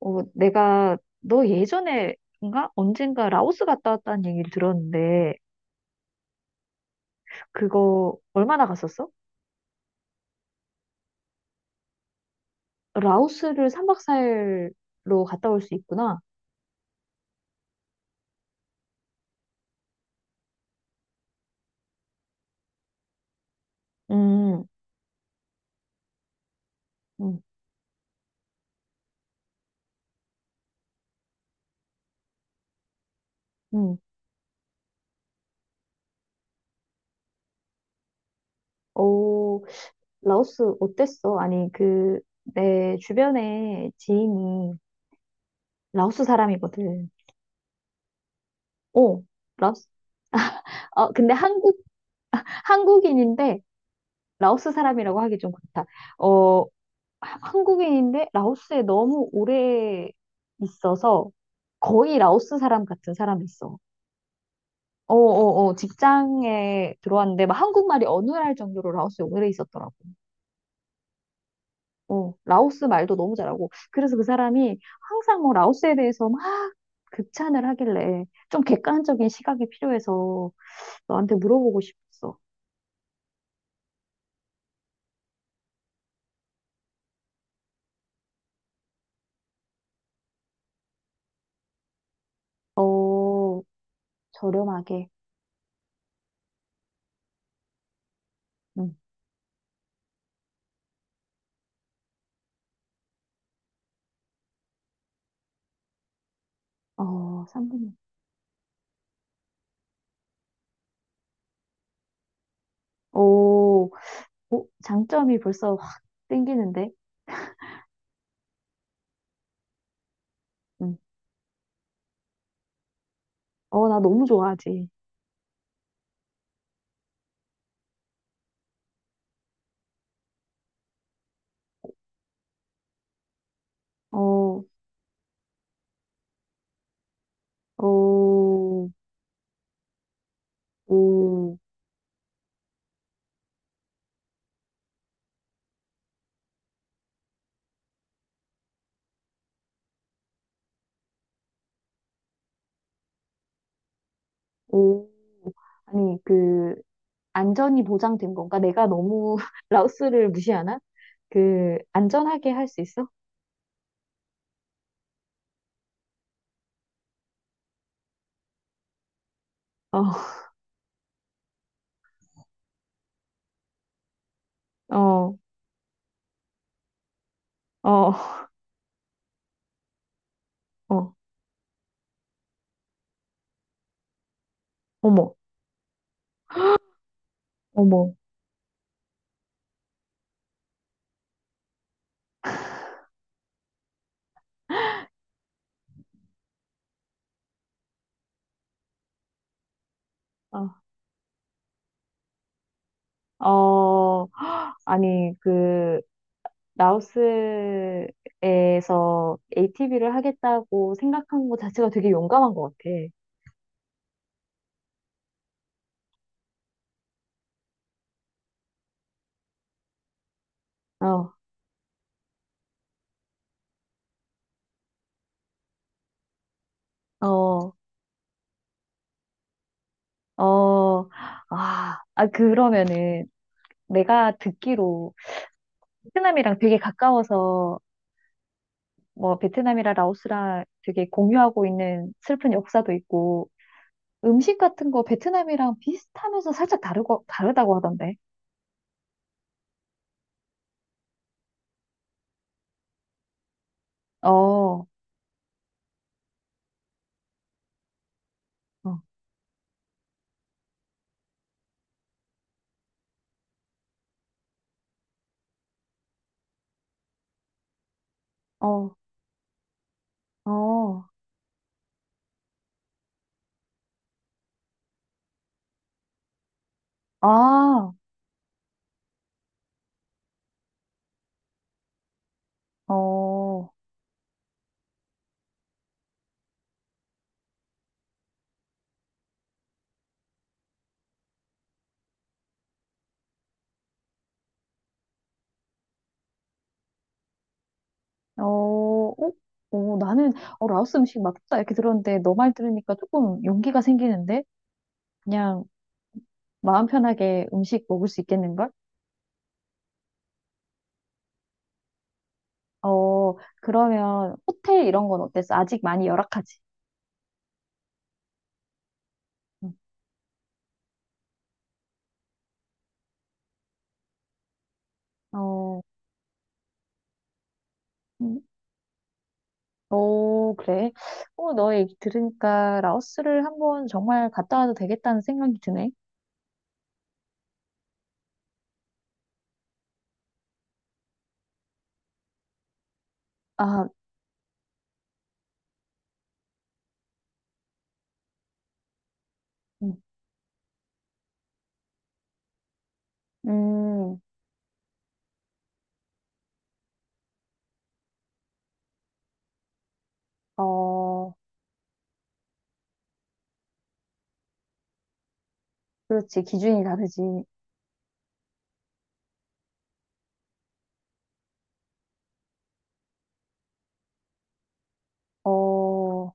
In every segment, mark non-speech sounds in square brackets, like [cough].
어, 내가 너 예전에인가 언젠가 라오스 갔다 왔다는 얘기를 들었는데 그거 얼마나 갔었어? 라오스를 삼박사일로 갔다 올 수 있구나. 음, 음, 음. 어, 라오스 어땠어? 아니 그 내 주변에 지인이 라오스 사람이거든. 어, 라오스. 어, 근데 한국인인데 라오스 사람이라고 하기 좀 그렇다. 어, 한국인인데 라오스에 너무 오래 있어서 거의 라오스 사람 같은 사람이 있어. 어, 어, 어, 직장에 들어왔는데 막 한국말이 어느 날 정도로 라오스에 오래 있었더라고. 어, 라오스 말도 너무 잘하고. 그래서 그 사람이 항상 뭐 라오스에 대해서 막 극찬을 하길래 좀 객관적인 시각이 필요해서 너한테 물어보고 싶었어. 어, 저렴하게. 응. 어, 3분의. 오, 오, 장점이 벌써 확 땡기는데. 응. 어, 나 너무 좋아하지. 어, 어, 오. 오, 아니, 그, 안전이 보장된 건가? 내가 너무 [laughs] 라오스를 무시하나? 그, 안전하게 할 수 있어? 어, 어, 어, 어, 어머, 어머, 어, 어, 아니, 그, 라오스에서 ATV를 하겠다고 생각한 것 자체가 되게 용감한 것 같아. 어, 어, 어, 아, 아, 그러면은 내가 듣기로 베트남이랑 되게 가까워서 뭐 베트남이랑 라오스랑 되게 공유하고 있는 슬픈 역사도 있고 음식 같은 거 베트남이랑 비슷하면서 살짝 다르고 다르다고 하던데. 어, 어, 어, 어, 아, 어, 어, 어, 어, 나는 어, 라오스 음식 맛있다 이렇게 들었는데 너 말 들으니까 조금 용기가 생기는데 그냥 마음 편하게 음식 먹을 수 있겠는걸? 어, 그러면 호텔 이런 건 어땠어? 아직 많이 열악하지? 응. 어, 음. 오, 그래. 어, 너 얘기 들으니까 라오스를 한번 정말 갔다 와도 되겠다는 생각이 드네. 아, 음, 음, 어, 그렇지. 기준이 다르지. 어, 어,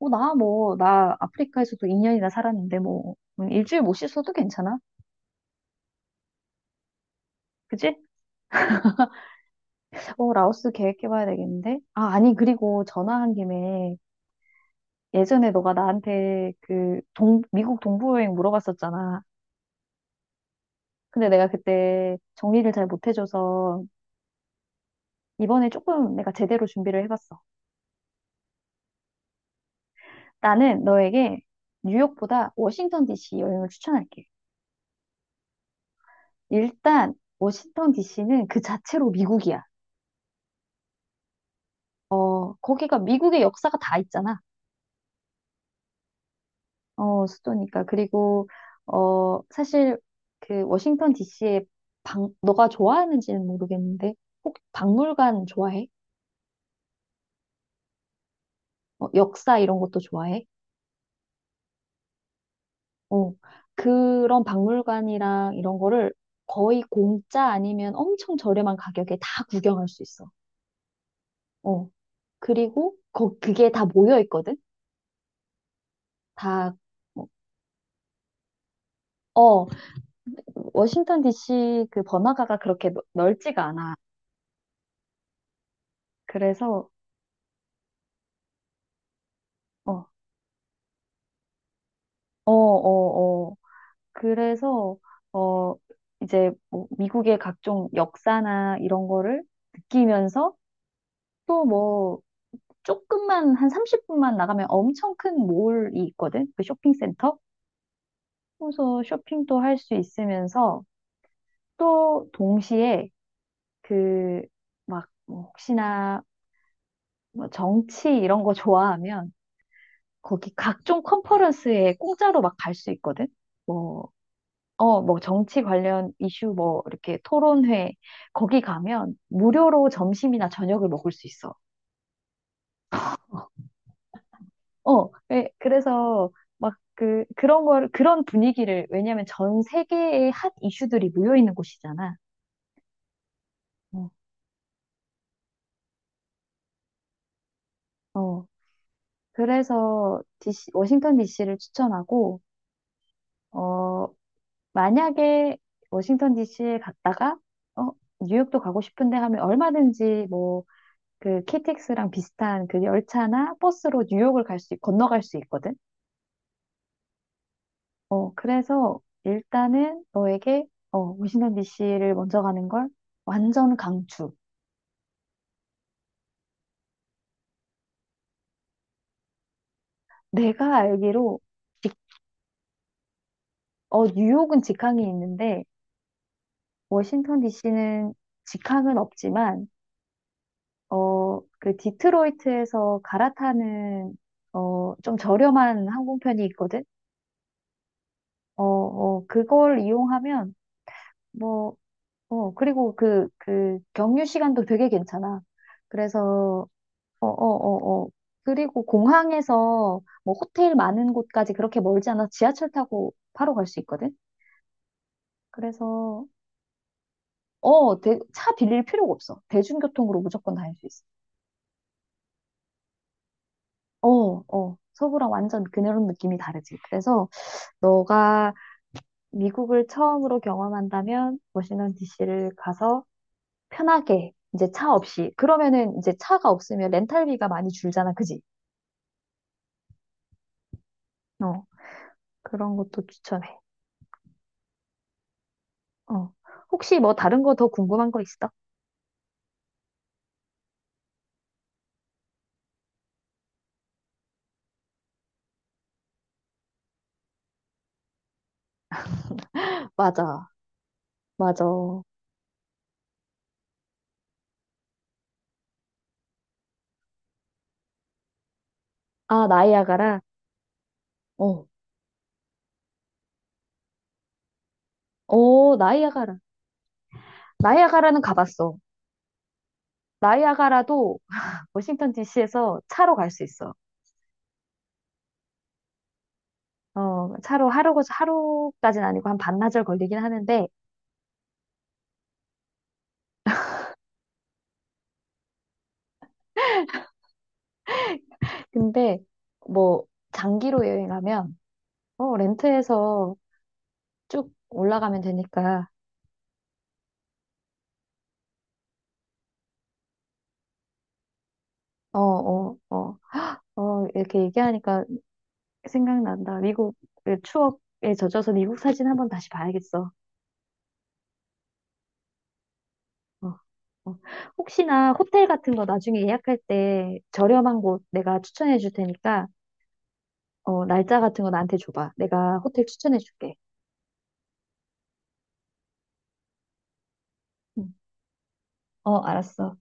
어, 나 뭐, 나 아프리카에서도 2년이나 살았는데 뭐, 일주일 못 씻어도 괜찮아. 그치? 어, 라오스 계획해봐야 되겠는데? 아, 아니, 그리고 전화한 김에 예전에 너가 나한테 미국 동부 여행 물어봤었잖아. 근데 내가 그때 정리를 잘 못해줘서 이번에 조금 내가 제대로 준비를 해봤어. 나는 너에게 뉴욕보다 워싱턴 DC 여행을 추천할게. 일단 워싱턴 DC는 그 자체로 미국이야. 어, 거기가 미국의 역사가 다 있잖아. 어, 수도니까. 그리고 어, 사실 그 워싱턴 DC의 방, 너가 좋아하는지는 모르겠는데 혹 박물관 좋아해? 어, 역사 이런 것도 좋아해? 어, 그런 박물관이랑 이런 거를 거의 공짜 아니면 엄청 저렴한 가격에 다 구경할 수 있어. 어, 그리고 거, 그게 다 모여 있거든? 다, 뭐, 어, 워싱턴 DC 그 번화가가 그렇게 넓지가 않아. 그래서, 어, 어, 어, 어. 그래서, 어, 이제 뭐 미국의 각종 역사나 이런 거를 느끼면서 또 뭐, 조금만, 한 30분만 나가면 엄청 큰 몰이 있거든? 그 쇼핑센터? 그래서 쇼핑도 할 수 있으면서 또 동시에 그, 막, 뭐 혹시나 뭐 정치 이런 거 좋아하면 거기 각종 컨퍼런스에 공짜로 막 갈 수 있거든. 뭐, 어, 뭐 정치 관련 이슈 뭐 이렇게 토론회 거기 가면 무료로 점심이나 저녁을 먹을 수 있어. 어, 예, 그래서 막 그, 그런 걸, 그런 분위기를, 왜냐면 전 세계의 핫 이슈들이 모여 있는 곳이잖아. 어, 어, 그래서 디씨, 워싱턴 DC를 추천하고, 어, 만약에 워싱턴 DC에 갔다가 어, 뉴욕도 가고 싶은데 하면 얼마든지 뭐 그 KTX랑 비슷한 그 열차나 버스로 뉴욕을 갈 수, 건너갈 수 있거든. 어, 그래서 일단은 너에게 어, 워싱턴 DC를 먼저 가는 걸 완전 강추. 내가 알기로 직- 어, 뉴욕은 직항이 있는데 워싱턴 DC는 직항은 없지만 어, 그 디트로이트에서 갈아타는 어, 좀 저렴한 항공편이 있거든. 어, 어, 그걸 이용하면 뭐, 어, 그리고 그, 그 경유 시간도 되게 괜찮아. 그래서 어, 어, 어, 어. 그리고 공항에서 뭐 호텔 많은 곳까지 그렇게 멀지 않아 지하철 타고 바로 갈 수 있거든. 그래서 어, 차 빌릴 필요가 없어. 대중교통으로 무조건 다닐 수 있어. 어, 어. 서부랑 완전 그런 느낌이 다르지. 그래서 너가 미국을 처음으로 경험한다면 워싱턴 DC를 가서 편하게 이제 차 없이 그러면은 이제 차가 없으면 렌탈비가 많이 줄잖아, 그지? 어, 그런 것도 추천해. 어, 혹시 뭐 다른 거 더 궁금한 거 있어? 맞아, 맞아. 아, 나이아가라. 어, 어, 나이아가라. 나이아가라는 가봤어. 나이아가라도 워싱턴 DC에서 차로 갈 수 있어. 어, 차로 하루, 하루까지는 아니고 한 반나절 걸리긴 하는데, 근데 뭐 장기로 여행하면 어, 렌트해서 쭉 올라가면 되니까. 어, 어, 어, 어, 이렇게 얘기하니까 생각난다. 미국의 추억에 젖어서 미국 사진 한번 다시 봐야겠어. 어, 어. 혹시나 호텔 같은 거 나중에 예약할 때 저렴한 곳 내가 추천해 줄 테니까, 어, 날짜 같은 거 나한테 줘봐. 내가 호텔 추천해 줄게. 응. 어, 알았어.